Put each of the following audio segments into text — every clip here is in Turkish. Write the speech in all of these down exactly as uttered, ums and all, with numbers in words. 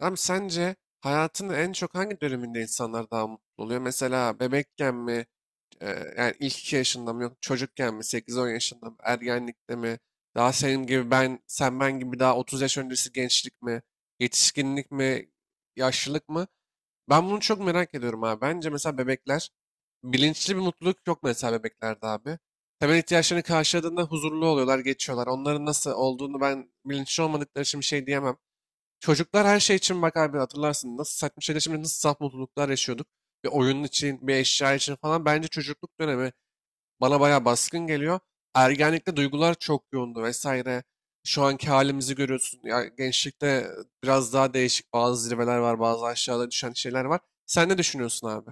Hem sence hayatının en çok hangi döneminde insanlar daha mutlu oluyor? Mesela bebekken mi, e, yani ilk iki yaşında mı, yok çocukken mi, sekiz on yaşında mı, ergenlikte mi, daha senin gibi ben, sen ben gibi daha otuz yaş öncesi gençlik mi, yetişkinlik mi, yaşlılık mı? Ben bunu çok merak ediyorum abi. Bence mesela bebekler, bilinçli bir mutluluk yok mesela bebeklerde abi. Temel ihtiyaçlarını karşıladığında huzurlu oluyorlar, geçiyorlar. Onların nasıl olduğunu ben bilinçli olmadıkları için bir şey diyemem. Çocuklar her şey için bak abi, hatırlarsın nasıl saçma şeyler, şimdi nasıl saf mutluluklar yaşıyorduk. Bir oyun için, bir eşya için falan bence çocukluk dönemi bana bayağı baskın geliyor. Ergenlikte duygular çok yoğundu vesaire. Şu anki halimizi görüyorsun. Ya gençlikte biraz daha değişik bazı zirveler var, bazı aşağıda düşen şeyler var. Sen ne düşünüyorsun abi?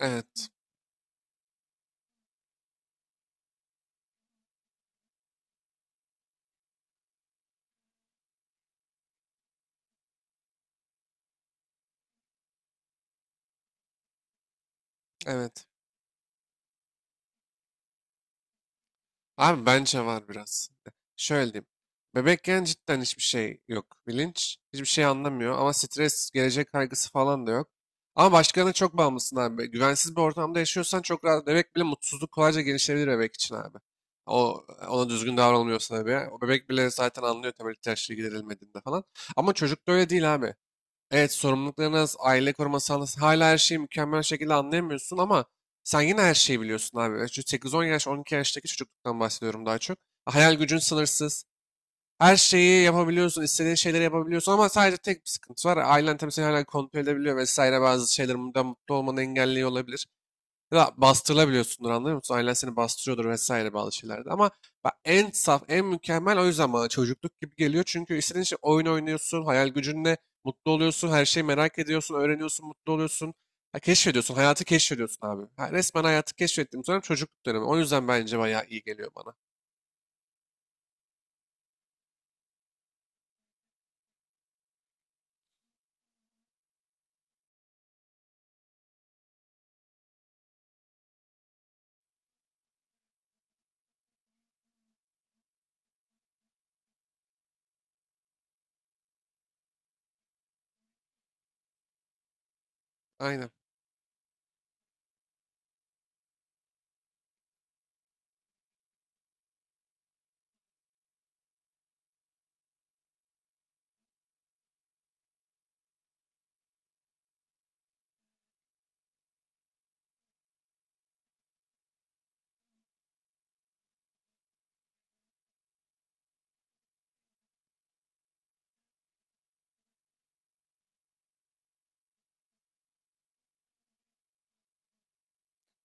Evet, evet. Abi bence var biraz. Şöyle diyeyim. Bebekken cidden hiçbir şey yok. Bilinç hiçbir şey anlamıyor ama stres, gelecek kaygısı falan da yok. Ama başkalarına çok bağımlısın abi. Güvensiz bir ortamda yaşıyorsan çok rahat. Bebek bile mutsuzluk kolayca gelişebilir bebek için abi. O ona düzgün davranılmıyorsa tabii. O bebek bile zaten anlıyor temel ihtiyaçları giderilmediğinde falan. Ama çocukta öyle değil abi. Evet sorumluluklarınız, aile koruma sağlasın. Hala her şeyi mükemmel şekilde anlayamıyorsun ama sen yine her şeyi biliyorsun abi. Evet, şu sekiz on yaş, on iki yaştaki çocukluktan bahsediyorum daha çok. Hayal gücün sınırsız. Her şeyi yapabiliyorsun, istediğin şeyleri yapabiliyorsun ama sadece tek bir sıkıntı var. Ailen tabii seni hala kontrol edebiliyor vesaire, bazı şeyler bundan mutlu olmanı engelliyor olabilir. Ya da bastırılabiliyorsundur, anlıyor musun? Ailen seni bastırıyordur vesaire bazı şeylerde. Ama bak, en saf, en mükemmel o yüzden bana çocukluk gibi geliyor. Çünkü istediğin şey oyun oynuyorsun, hayal gücünle mutlu oluyorsun, her şeyi merak ediyorsun, öğreniyorsun, mutlu oluyorsun. Ha, keşfediyorsun, hayatı keşfediyorsun abi. Ha, resmen hayatı keşfettiğim dönem çocukluk dönemi. O yüzden bence bayağı iyi geliyor bana. Aynen.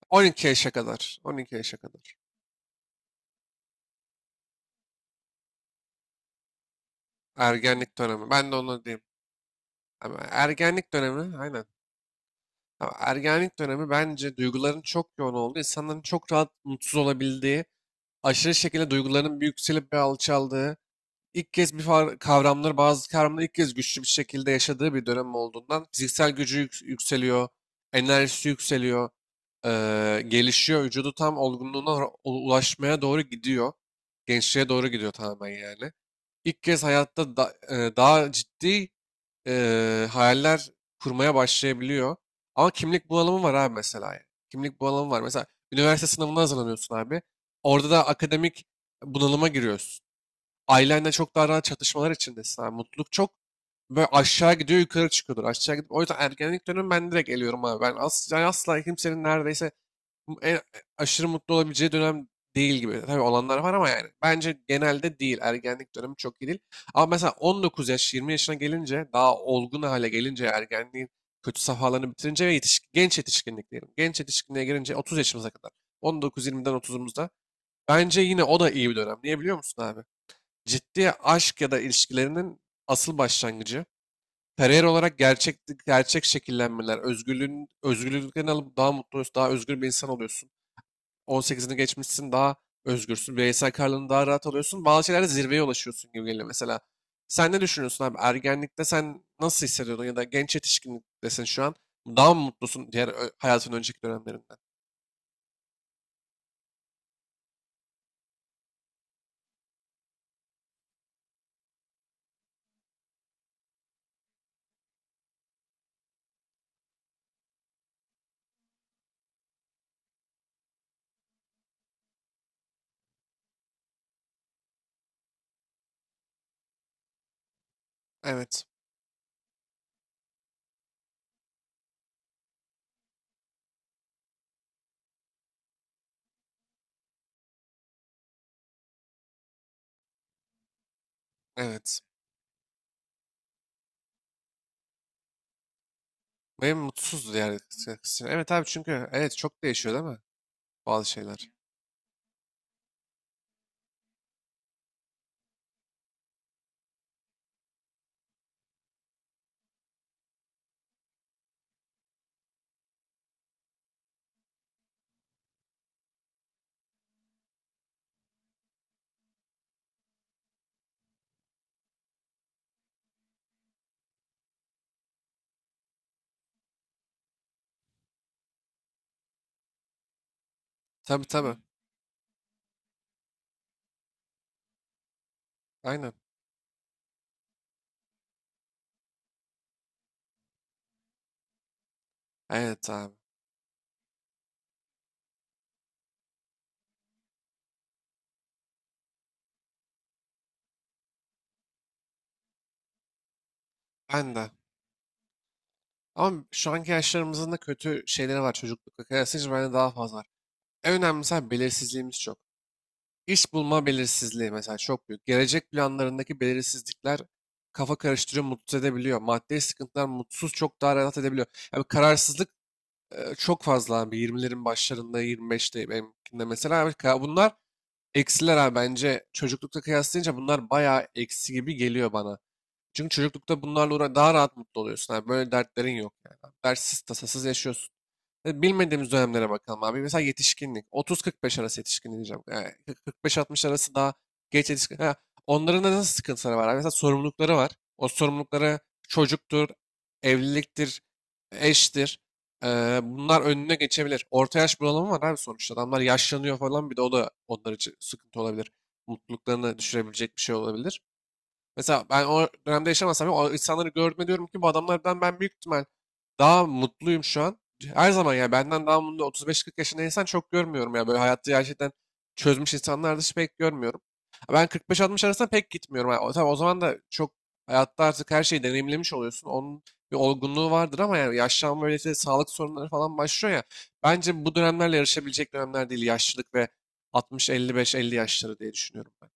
on iki yaşa kadar. on iki yaşa kadar. Ergenlik dönemi. Ben de onu diyeyim. Ama ergenlik dönemi. Aynen. Ya, ergenlik dönemi bence duyguların çok yoğun olduğu, insanların çok rahat mutsuz olabildiği, aşırı şekilde duygularının bir yükselip bir alçaldığı, ilk kez bir far- kavramları, bazı kavramları ilk kez güçlü bir şekilde yaşadığı bir dönem olduğundan fiziksel gücü yük- yükseliyor, enerjisi yükseliyor, eee, gelişiyor, vücudu tam olgunluğuna u- ulaşmaya doğru gidiyor. Gençliğe doğru gidiyor tamamen yani. İlk kez hayatta da- e, daha ciddi eee, hayaller kurmaya başlayabiliyor. Ama kimlik bunalımı var abi mesela, yani. Kimlik bunalımı var. Mesela üniversite sınavına hazırlanıyorsun abi. Orada da akademik bunalıma giriyorsun. Ailenle çok daha rahat çatışmalar içindesin abi. Mutluluk çok böyle aşağı gidiyor, yukarı çıkıyordur. Aşağı gidip o yüzden ergenlik dönemi ben direkt eliyorum abi. Ben asla, asla kimsenin neredeyse en aşırı mutlu olabileceği dönem değil gibi. Tabii olanlar var ama yani bence genelde değil. Ergenlik dönemi çok iyi değil. Ama mesela on dokuz yaş, yirmi yaşına gelince, daha olgun hale gelince, ergenliğin kötü safhalarını bitirince ve yetişkin, genç yetişkinlik diyelim. Genç yetişkinliğe gelince otuz yaşımıza kadar. on dokuz yirmiden otuzumuzda. Bence yine o da iyi bir dönem. Niye biliyor musun abi? Ciddi aşk ya da ilişkilerinin asıl başlangıcı. Kariyer olarak gerçek gerçek şekillenmeler, özgürlüğün özgürlüklerini alıp daha mutlu oluyorsun, daha özgür bir insan oluyorsun. on sekizini geçmişsin, daha özgürsün. Bireysel kararlarını daha rahat alıyorsun. Bazı şeylerde zirveye ulaşıyorsun gibi geliyor mesela. Sen ne düşünüyorsun abi? Ergenlikte sen nasıl hissediyordun ya da genç yetişkinliktesin şu an. Daha mı mutlusun diğer ö- hayatın önceki dönemlerinden? Evet. Evet. Benim mutsuzdu diğer kısım. Evet abi çünkü evet çok değişiyor değil mi? Bazı şeyler. Tabii, tabii. Aynen. Evet abi. Ben de. Ama şu anki yaşlarımızın da kötü şeyleri var, çocuklukla kıyaslayınca bende daha fazla var. En önemlisi abi, belirsizliğimiz çok. İş bulma belirsizliği mesela çok büyük. Gelecek planlarındaki belirsizlikler kafa karıştırıyor, mutsuz edebiliyor. Maddi sıkıntılar mutsuz çok daha rahat edebiliyor. Yani kararsızlık e, çok fazla abi. yirmilerin başlarında, yirmi beşte benimkinde mesela. Abi, ka- bunlar eksiler abi bence. Çocuklukta kıyaslayınca bunlar bayağı eksi gibi geliyor bana. Çünkü çocuklukta bunlarla uğra- daha rahat mutlu oluyorsun abi. Böyle dertlerin yok yani. Dertsiz, tasasız yaşıyorsun. E, Bilmediğimiz dönemlere bakalım abi. Mesela yetişkinlik. otuz kırk beş arası yetişkin diyeceğim. Yani kırk kırk beş-altmış arası daha geç yetişkin. Ha, onların da nasıl sıkıntıları var abi? Mesela sorumlulukları var. O sorumlulukları çocuktur, evliliktir, eştir. E, bunlar önüne geçebilir. Orta yaş bunalımı var abi sonuçta. Adamlar yaşlanıyor falan, bir de o da onlar için sıkıntı olabilir. Mutluluklarını düşürebilecek bir şey olabilir. Mesela ben o dönemde yaşamasam bile o insanları gördüğümde diyorum ki bu adamlardan ben büyük ihtimal daha mutluyum şu an. Her zaman ya benden daha mutlu otuz beş kırk yaşında insan çok görmüyorum ya. Böyle hayatta gerçekten çözmüş insanlar dışı pek görmüyorum. Ben kırk beş altmış arasında pek gitmiyorum. Yani, o- tabii o zaman da çok hayatta artık her şeyi deneyimlemiş oluyorsun. Onun bir olgunluğu vardır ama yani yaşlanma böyle işte sağlık sorunları falan başlıyor ya. Bence bu dönemlerle yarışabilecek dönemler değil. Yaşlılık ve altmış elli beş-elli yaşları diye düşünüyorum ben.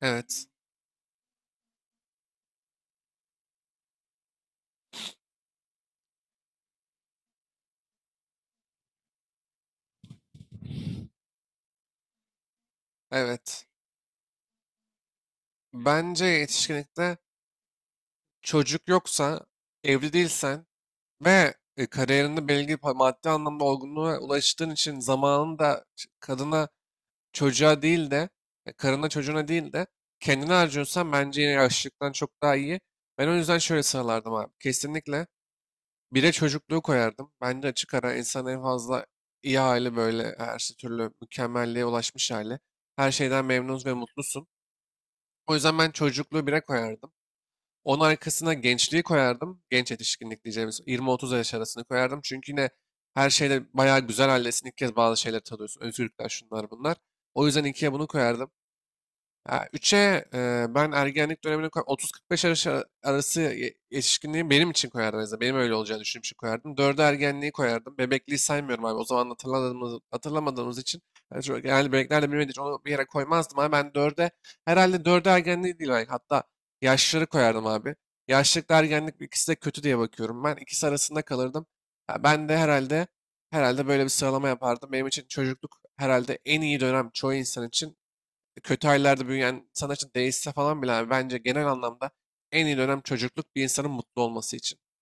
Evet, evet. Bence yetişkinlikte çocuk yoksa, evli değilsen, ve e, kariyerinde belli pa- maddi anlamda olgunluğa ulaştığın için zamanını da ç- kadına çocuğa değil de e, karına çocuğuna değil de kendine harcıyorsan bence yine yaşlılıktan çok daha iyi. Ben o yüzden şöyle sıralardım abi. Kesinlikle bire çocukluğu koyardım. Bence açık ara insan en fazla iyi hali böyle her şey türlü mükemmelliğe ulaşmış hali. Her şeyden memnun ve mutlusun. O yüzden ben çocukluğu bire koyardım. Onun arkasına gençliği koyardım. Genç yetişkinlik diyeceğimiz yirmi otuz yaş arasını koyardım. Çünkü yine her şeyde bayağı güzel haldesin. İlk kez bazı şeyleri tadıyorsun. Özgürlükler, şunlar bunlar. O yüzden ikiye bunu koyardım. Ya üçe e, ben ergenlik dönemine koy otuz kırk beş arası, arası ye- yetişkinliği benim için koyardım en azından. Benim öyle olacağını düşündüğüm için koyardım. dörde ergenliği koyardım. Bebekliği saymıyorum abi. O zaman hatırlamadığımız, hatırlamadığımız için yani çok- genelde bebeklerle bilmediği için onu bir yere koymazdım ama ben dörde herhalde dörde ergenliği değil belki. Hatta yaşları koyardım abi. Yaşlılıkla ergenlik ikisi de kötü diye bakıyorum. Ben ikisi arasında kalırdım. Ya ben de herhalde herhalde böyle bir sıralama yapardım. Benim için çocukluk herhalde en iyi dönem, çoğu insan için kötü ailelerde büyüyen sanatçı değişse falan bile abi, bence genel anlamda en iyi dönem çocukluk bir insanın mutlu olması için.